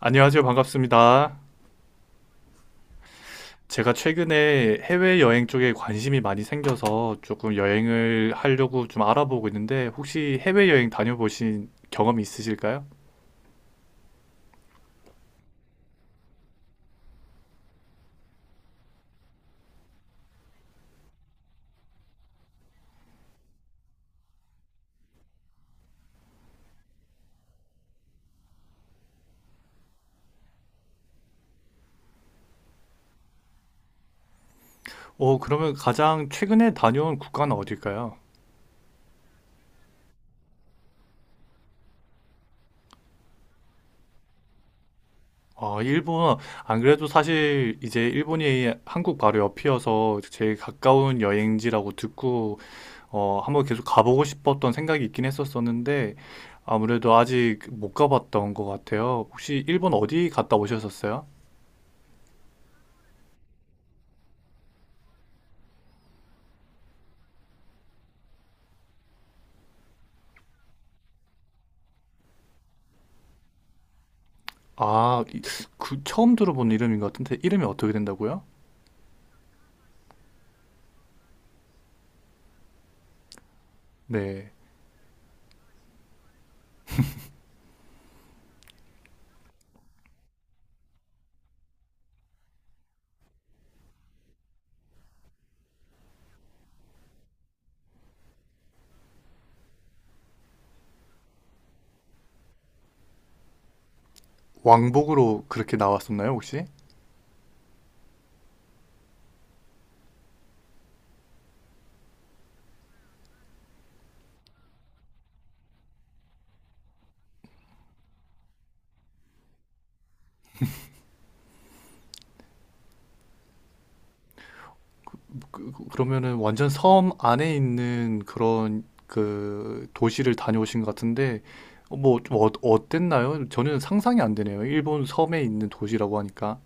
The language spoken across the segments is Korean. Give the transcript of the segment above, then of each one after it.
안녕하세요. 반갑습니다. 제가 최근에 해외여행 쪽에 관심이 많이 생겨서 조금 여행을 하려고 좀 알아보고 있는데 혹시 해외여행 다녀보신 경험이 있으실까요? 그러면 가장 최근에 다녀온 국가는 어딜까요? 아, 일본. 안 그래도 사실 이제 일본이 한국 바로 옆이어서 제일 가까운 여행지라고 듣고 한번 계속 가보고 싶었던 생각이 있긴 했었었는데 아무래도 아직 못 가봤던 것 같아요. 혹시 일본 어디 갔다 오셨었어요? 아, 그 처음 들어본 이름인 것 같은데 이름이 어떻게 된다고요? 네. 왕복으로 그렇게 나왔었나요, 혹시? 그러면은 완전 섬 안에 있는 그런 그 도시를 다녀오신 것 같은데 뭐좀 어땠나요? 저는 상상이 안 되네요. 일본 섬에 있는 도시라고 하니까.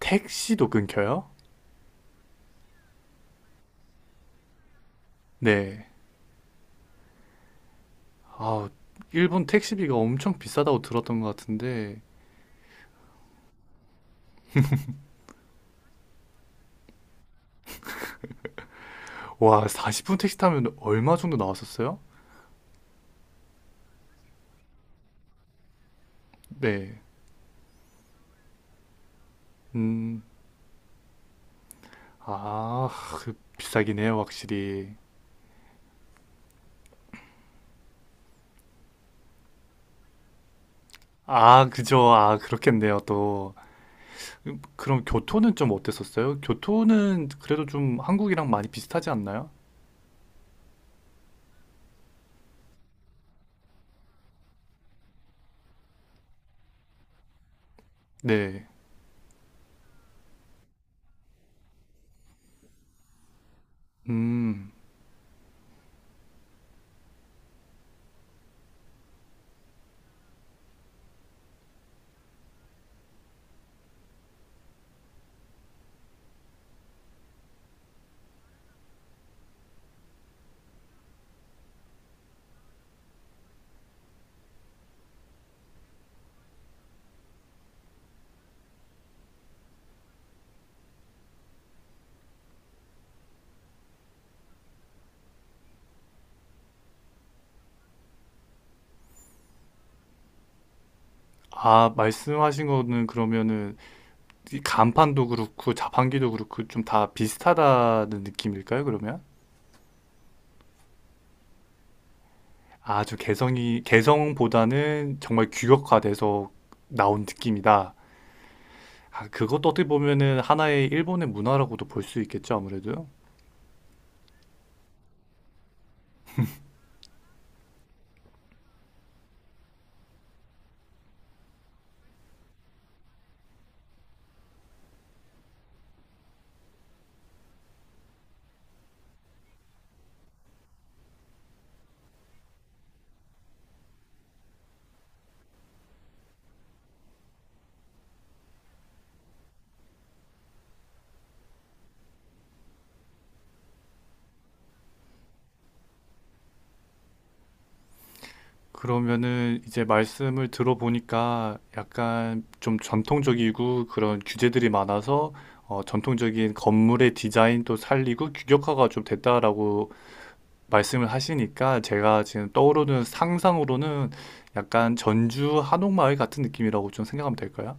택시도 끊겨요? 네. 아, 일본 택시비가 엄청 비싸다고 들었던 것 같은데. 와, 40분 택시 타면 얼마 정도 나왔었어요? 네. 음. 아, 그 비싸긴 해요, 확실히. 아, 그죠. 아, 그렇겠네요, 또. 그럼 교토는 좀 어땠었어요? 교토는 그래도 좀 한국이랑 많이 비슷하지 않나요? 네. 음. 아, 말씀하신 거는 그러면은 이 간판도 그렇고 자판기도 그렇고 좀 다 비슷하다는 느낌일까요, 그러면? 아주 개성보다는 정말 규격화돼서 나온 느낌이다. 아, 그것도 어떻게 보면은 하나의 일본의 문화라고도 볼 수 있겠죠, 아무래도. 그러면은 이제 말씀을 들어보니까 약간 좀 전통적이고 그런 규제들이 많아서 전통적인 건물의 디자인도 살리고 규격화가 좀 됐다라고 말씀을 하시니까, 제가 지금 떠오르는 상상으로는 약간 전주 한옥마을 같은 느낌이라고 좀 생각하면 될까요?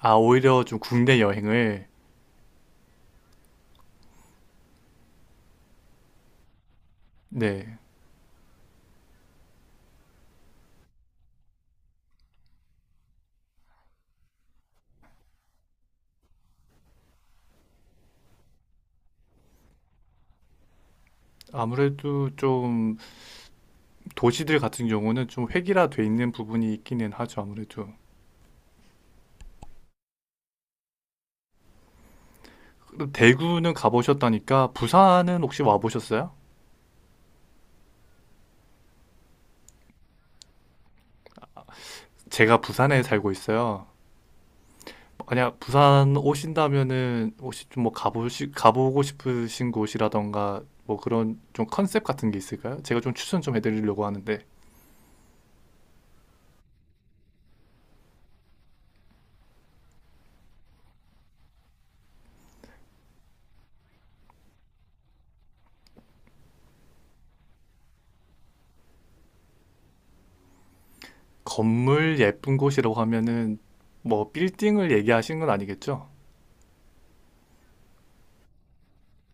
아, 오히려 좀 국내 여행을. 네. 아무래도 좀 도시들 같은 경우는 좀 획일화돼 있는 부분이 있기는 하죠, 아무래도. 그럼 대구는 가보셨다니까 부산은 혹시 와보셨어요? 제가 부산에 살고 있어요. 만약 부산 오신다면은 혹시 좀 뭐 가보시 가보고 싶으신 곳이라던가 뭐 그런 좀 컨셉 같은 게 있을까요? 제가 좀 추천 좀 해드리려고 하는데. 건물 예쁜 곳이라고 하면은 뭐 빌딩을 얘기하시는 건 아니겠죠?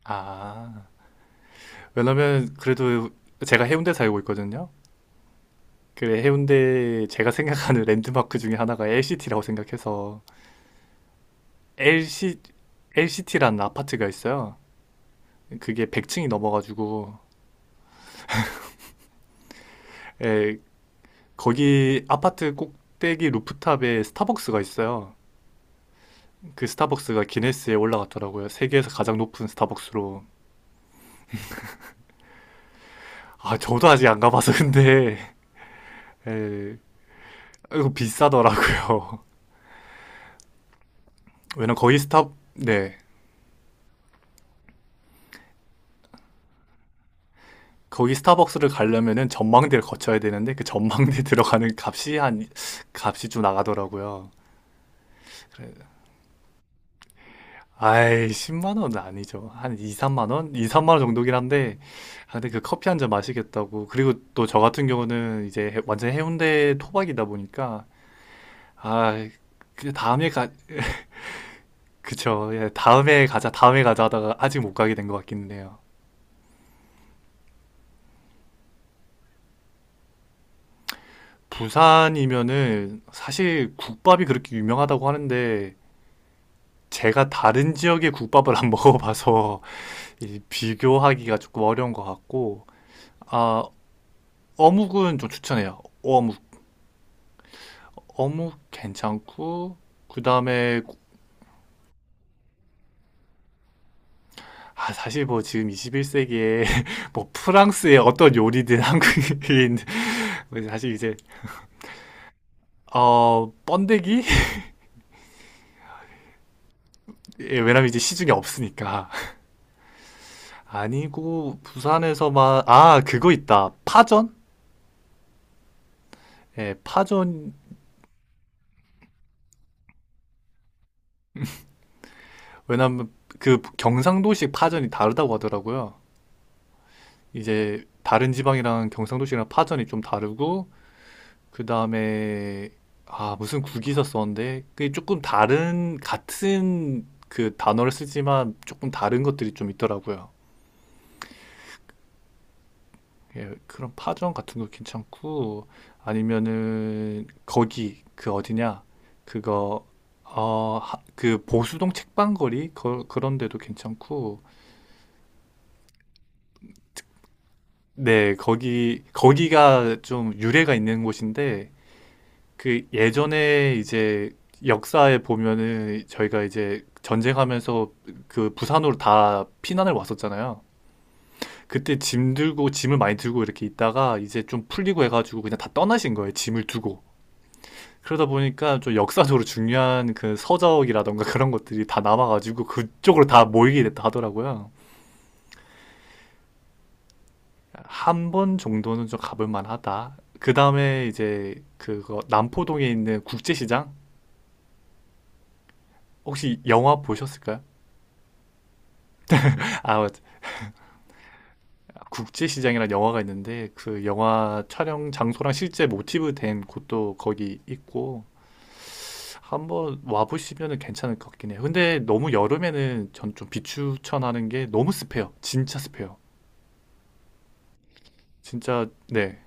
아, 왜냐면 그래도 제가 해운대 살고 있거든요. 그래, 해운대 제가 생각하는 랜드마크 중에 하나가 LCT라고 생각해서. LC, l t 라는 아파트가 있어요. 그게 100층이 넘어가지고. 에, 거기 아파트 꼭대기 루프탑에 스타벅스가 있어요. 그 스타벅스가 기네스에 올라갔더라고요. 세계에서 가장 높은 스타벅스로. 아, 저도 아직 안 가봐서 근데, 에, 이거 비싸더라고요. 왜냐면 거기 스타. 네. 거기 스타벅스를 가려면은 전망대를 거쳐야 되는데 그 전망대 들어가는 값이 좀 나가더라고요. 그래, 아이, 10만 원은 아니죠. 한 2, 3만 원? 2, 3만 원 정도긴 한데, 아, 근데 그 커피 한잔 마시겠다고. 그리고 또 저 같은 경우는 이제 완전 해운대 토박이다 보니까, 아, 그 다음에 가, 그쵸. 예, 다음에 가자, 다음에 가자 하다가 아직 못 가게 된 것 같기는 해요. 부산이면은 사실 국밥이 그렇게 유명하다고 하는데, 제가 다른 지역의 국밥을 안 먹어봐서 이 비교하기가 조금 어려운 것 같고, 아, 어묵은 좀 추천해요. 어묵. 어묵 괜찮고, 그 다음에, 아, 사실 뭐 지금 21세기에 뭐 프랑스의 어떤 요리든 한국인. 사실 이제, 번데기? 예, 왜냐면 이제 시중에 없으니까. 아니고, 부산에서만, 아, 그거 있다. 파전? 예, 파전. 왜냐면 그 경상도식 파전이 다르다고 하더라고요. 이제 다른 지방이랑 경상도식이랑 파전이 좀 다르고, 그 다음에 아, 무슨 국이서 썼는데 그게 조금 다른, 같은 그 단어를 쓰지만 조금 다른 것들이 좀 있더라고요. 예, 그런 파전 같은 거 괜찮고, 아니면은 거기 그 어디냐 그거, 어 그 보수동 책방거리, 거, 그런 데도 괜찮고. 네, 거기가 좀 유래가 있는 곳인데, 그 예전에 이제 역사에 보면은 저희가 이제 전쟁하면서 그 부산으로 다 피난을 왔었잖아요. 그때 짐 들고 짐을 많이 들고 이렇게 있다가 이제 좀 풀리고 해가지고 그냥 다 떠나신 거예요. 짐을 두고. 그러다 보니까 좀 역사적으로 중요한 그 서적이라던가 그런 것들이 다 남아가지고 그쪽으로 다 모이게 됐다 하더라고요. 한 번 정도는 좀 가볼 만하다. 그 다음에 이제 그거, 남포동에 있는 국제시장? 혹시 영화 보셨을까요? 아, 국제시장이라는 영화가 있는데 그 영화 촬영 장소랑 실제 모티브 된 곳도 거기 있고, 한번 와보시면은 괜찮을 것 같긴 해요. 근데 너무 여름에는 전 좀 비추천하는 게, 너무 습해요. 진짜 습해요. 진짜. 네.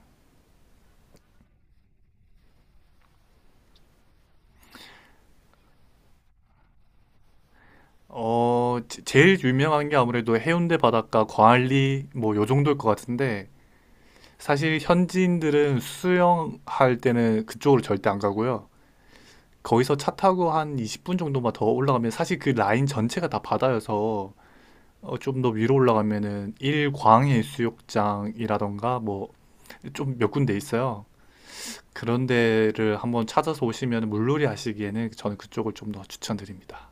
제일 유명한 게 아무래도 해운대 바닷가, 광안리 뭐 요 정도일 것 같은데, 사실 현지인들은 수영할 때는 그쪽으로 절대 안 가고요. 거기서 차 타고 한 20분 정도만 더 올라가면 사실 그 라인 전체가 다 바다여서 좀 더 위로 올라가면은 일광해 수욕장이라던가 뭐 좀 몇 군데 있어요. 그런 데를 한번 찾아서 오시면 물놀이 하시기에는 저는 그쪽을 좀 더 추천드립니다.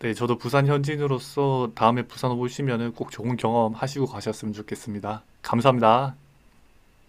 네, 저도 부산 현지인으로서 다음에 부산 오시면은 꼭 좋은 경험 하시고 가셨으면 좋겠습니다. 감사합니다.